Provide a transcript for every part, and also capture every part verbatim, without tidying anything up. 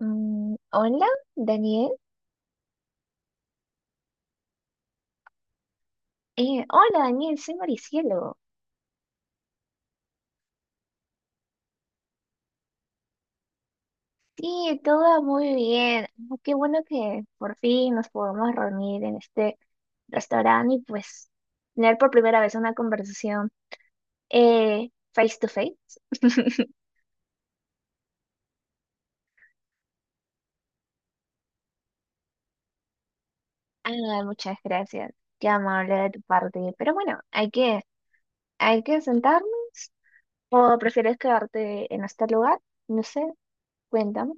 Mm, hola, Daniel. Eh, hola, Daniel, soy Maricielo. Sí, todo va muy bien. Ah, qué bueno que por fin nos podemos reunir en este restaurante y pues tener por primera vez una conversación eh, face to face. Ah, muchas gracias. Qué amable de tu parte. Pero bueno, hay que, hay que sentarnos. ¿O prefieres quedarte en este lugar? No sé, cuéntame.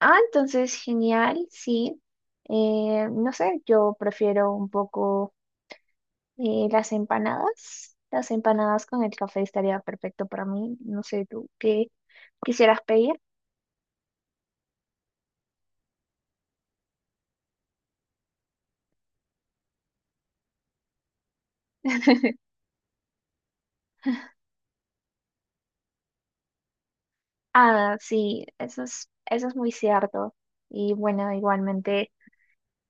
Ah, entonces genial, sí. Eh, no sé, yo prefiero un poco eh, las empanadas. Las empanadas con el café estaría perfecto para mí. No sé, tú, ¿qué quisieras pedir? Ah, sí, eso es, eso es muy cierto. Y bueno, igualmente.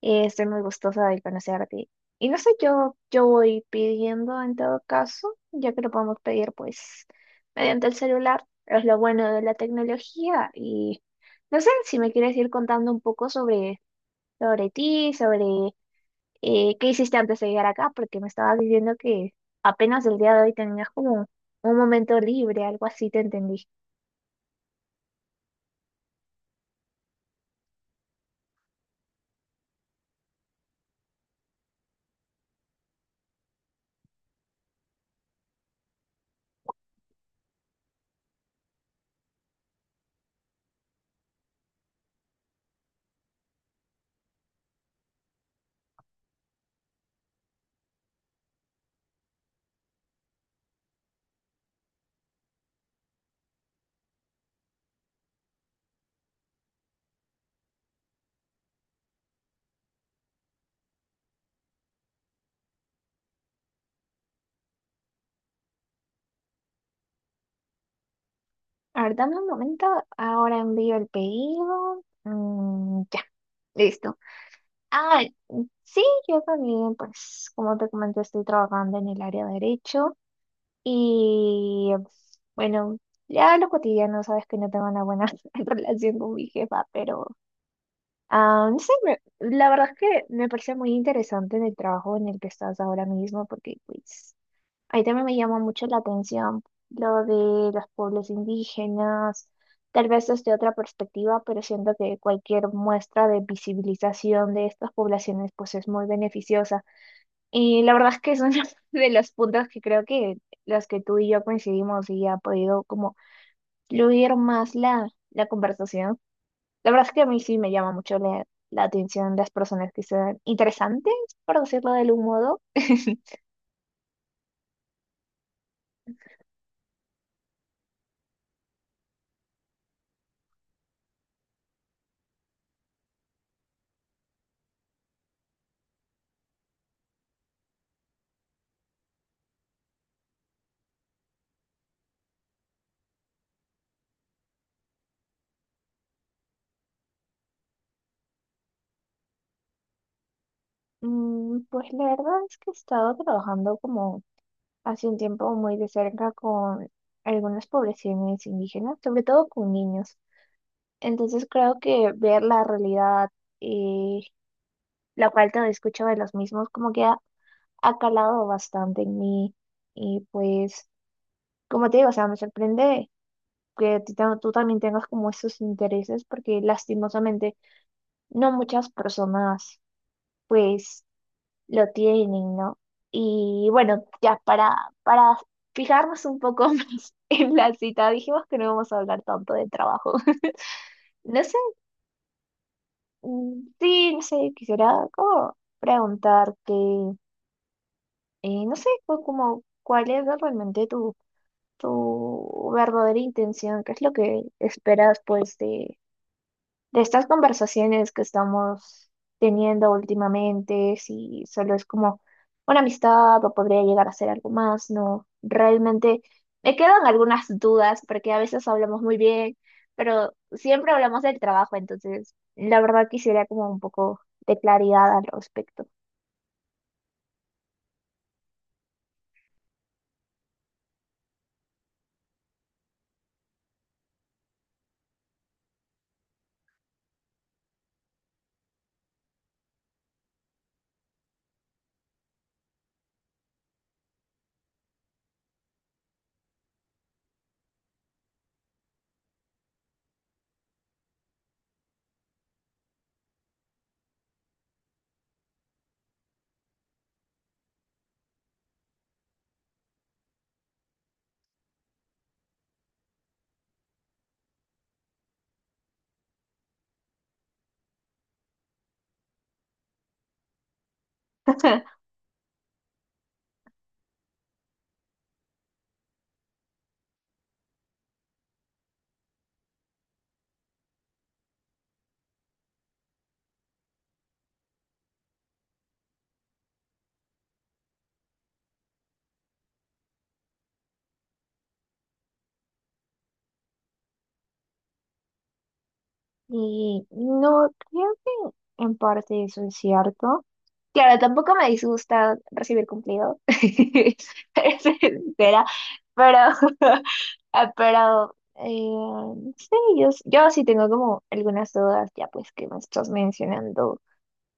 Eh, estoy muy gustosa de conocerte. Y no sé, yo, yo voy pidiendo en todo caso, ya que lo podemos pedir pues mediante el celular. Es lo bueno de la tecnología. Y no sé si me quieres ir contando un poco sobre, sobre ti, sobre eh, qué hiciste antes de llegar acá, porque me estabas diciendo que apenas el día de hoy tenías como un momento libre, algo así te entendí. A ver, dame un momento, ahora envío el pedido. Mm, ya, listo. Ah, sí, yo también, pues, como te comenté, estoy trabajando en el área de derecho y, bueno, ya lo cotidiano, sabes que no tengo una buena relación con mi jefa, pero, ah, no sé, me- la verdad es que me parece muy interesante en el trabajo en el que estás ahora mismo, porque, pues, ahí también me llama mucho la atención lo de los pueblos indígenas, tal vez desde otra perspectiva, pero siento que cualquier muestra de visibilización de estas poblaciones, pues, es muy beneficiosa. Y la verdad es que son de los puntos que creo que los que tú y yo coincidimos y ha podido como fluir más la, la conversación. La verdad es que a mí sí me llama mucho la, la atención las personas que sean interesantes, por decirlo de algún modo. Mm, pues la verdad es que he estado trabajando como hace un tiempo muy de cerca con algunas poblaciones indígenas, sobre todo con niños. Entonces creo que ver la realidad y la falta de escucha de los mismos como que ha, ha calado bastante en mí y pues, como te digo, o sea, me sorprende que tú, ta- tú también tengas como esos intereses porque lastimosamente no muchas personas pues lo tienen, ¿no? Y bueno, ya para, para fijarnos un poco más en la cita, dijimos que no vamos a hablar tanto de trabajo. No sé, mm, sí, no sé, quisiera como preguntarte, eh, no sé, cu- como cuál es realmente tu tu verdadera intención, qué es lo que esperas pues de, de estas conversaciones que estamos teniendo últimamente, si solo es como una amistad o podría llegar a ser algo más, no, realmente me quedan algunas dudas porque a veces hablamos muy bien, pero siempre hablamos del trabajo, entonces la verdad quisiera como un poco de claridad al respecto. Y no, creo que en parte eso es cierto. Claro, tampoco me disgusta recibir cumplidos, es sincera, pero, ah, pero eh, sí, yo, s- yo sí tengo como algunas dudas ya pues que me estás mencionando,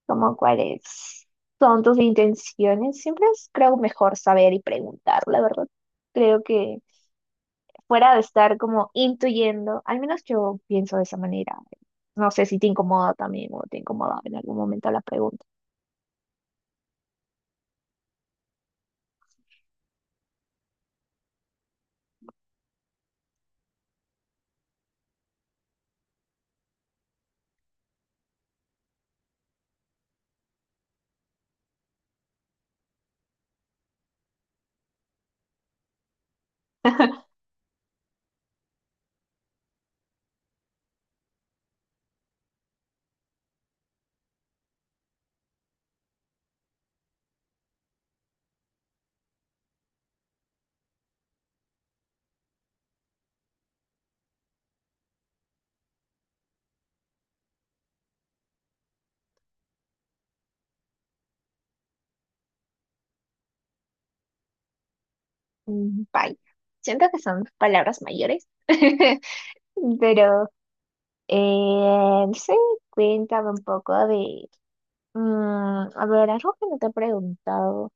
como cuáles son tus intenciones. Siempre es creo mejor saber y preguntar, la verdad. Creo que fuera de estar como intuyendo, al menos yo pienso de esa manera. No sé si te incomoda también o te incomoda en algún momento la pregunta. Mm, bye. Siento que son palabras mayores, pero eh, no sé, cuéntame un poco de, mm, a ver, algo que no te he preguntado.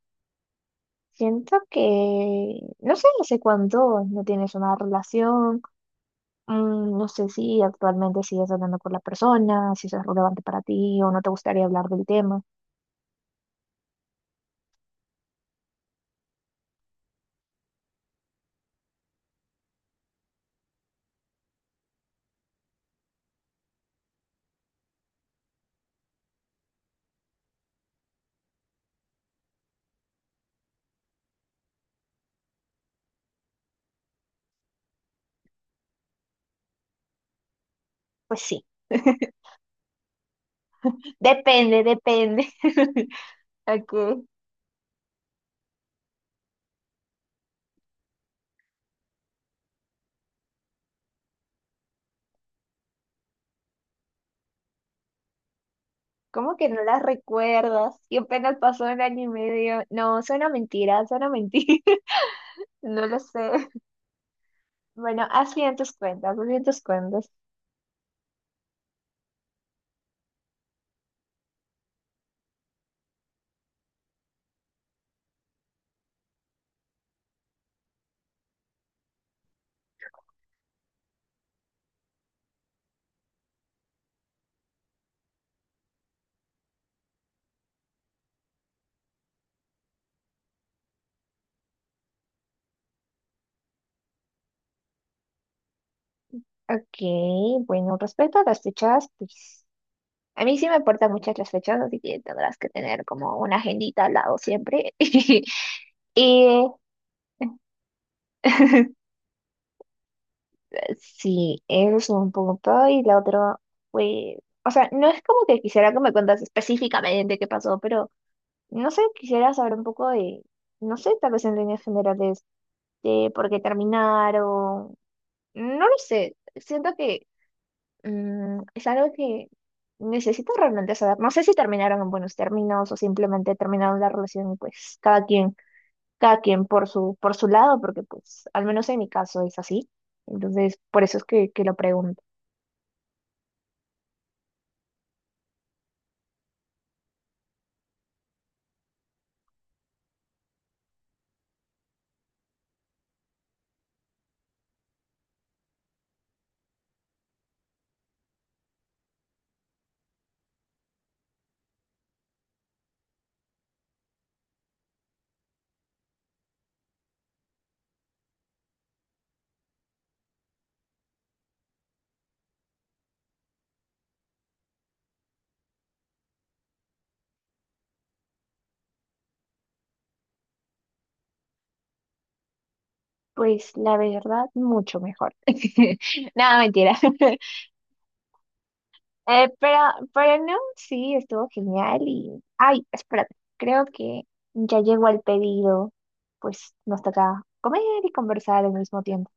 Siento que, no sé, no sé cuánto no tienes una relación. Mm, no sé si actualmente sigues andando con la persona, si eso es relevante para ti o no te gustaría hablar del tema. Pues sí, depende, depende. Ok, ¿cómo que no las recuerdas? Y apenas pasó un año y medio. No, suena mentira, suena mentira. No lo sé. Bueno, haz bien tus cuentas, haz bien tus cuentas. Ok, bueno, respecto a las fechas, pues a mí sí me importan muchas las fechas, así que tendrás que tener como una agendita al lado siempre. Y sí, eso un punto y la otra fue, o sea, no es como que quisiera que me cuentas específicamente qué pasó, pero no sé, quisiera saber un poco de, no sé, tal vez en líneas generales, de por qué terminaron, no lo sé, siento que mm, es algo que necesito realmente saber, no sé si terminaron en buenos términos o simplemente terminaron la relación, y, pues cada quien, cada quien por su, por su lado, porque pues al menos en mi caso es así, entonces por eso es que, que lo pregunto. Pues la verdad, mucho mejor. Nada, mentira. Eh, pero, pero no, sí, estuvo genial y... Ay, espérate, creo que ya llegó el pedido, pues nos toca comer y conversar al mismo tiempo.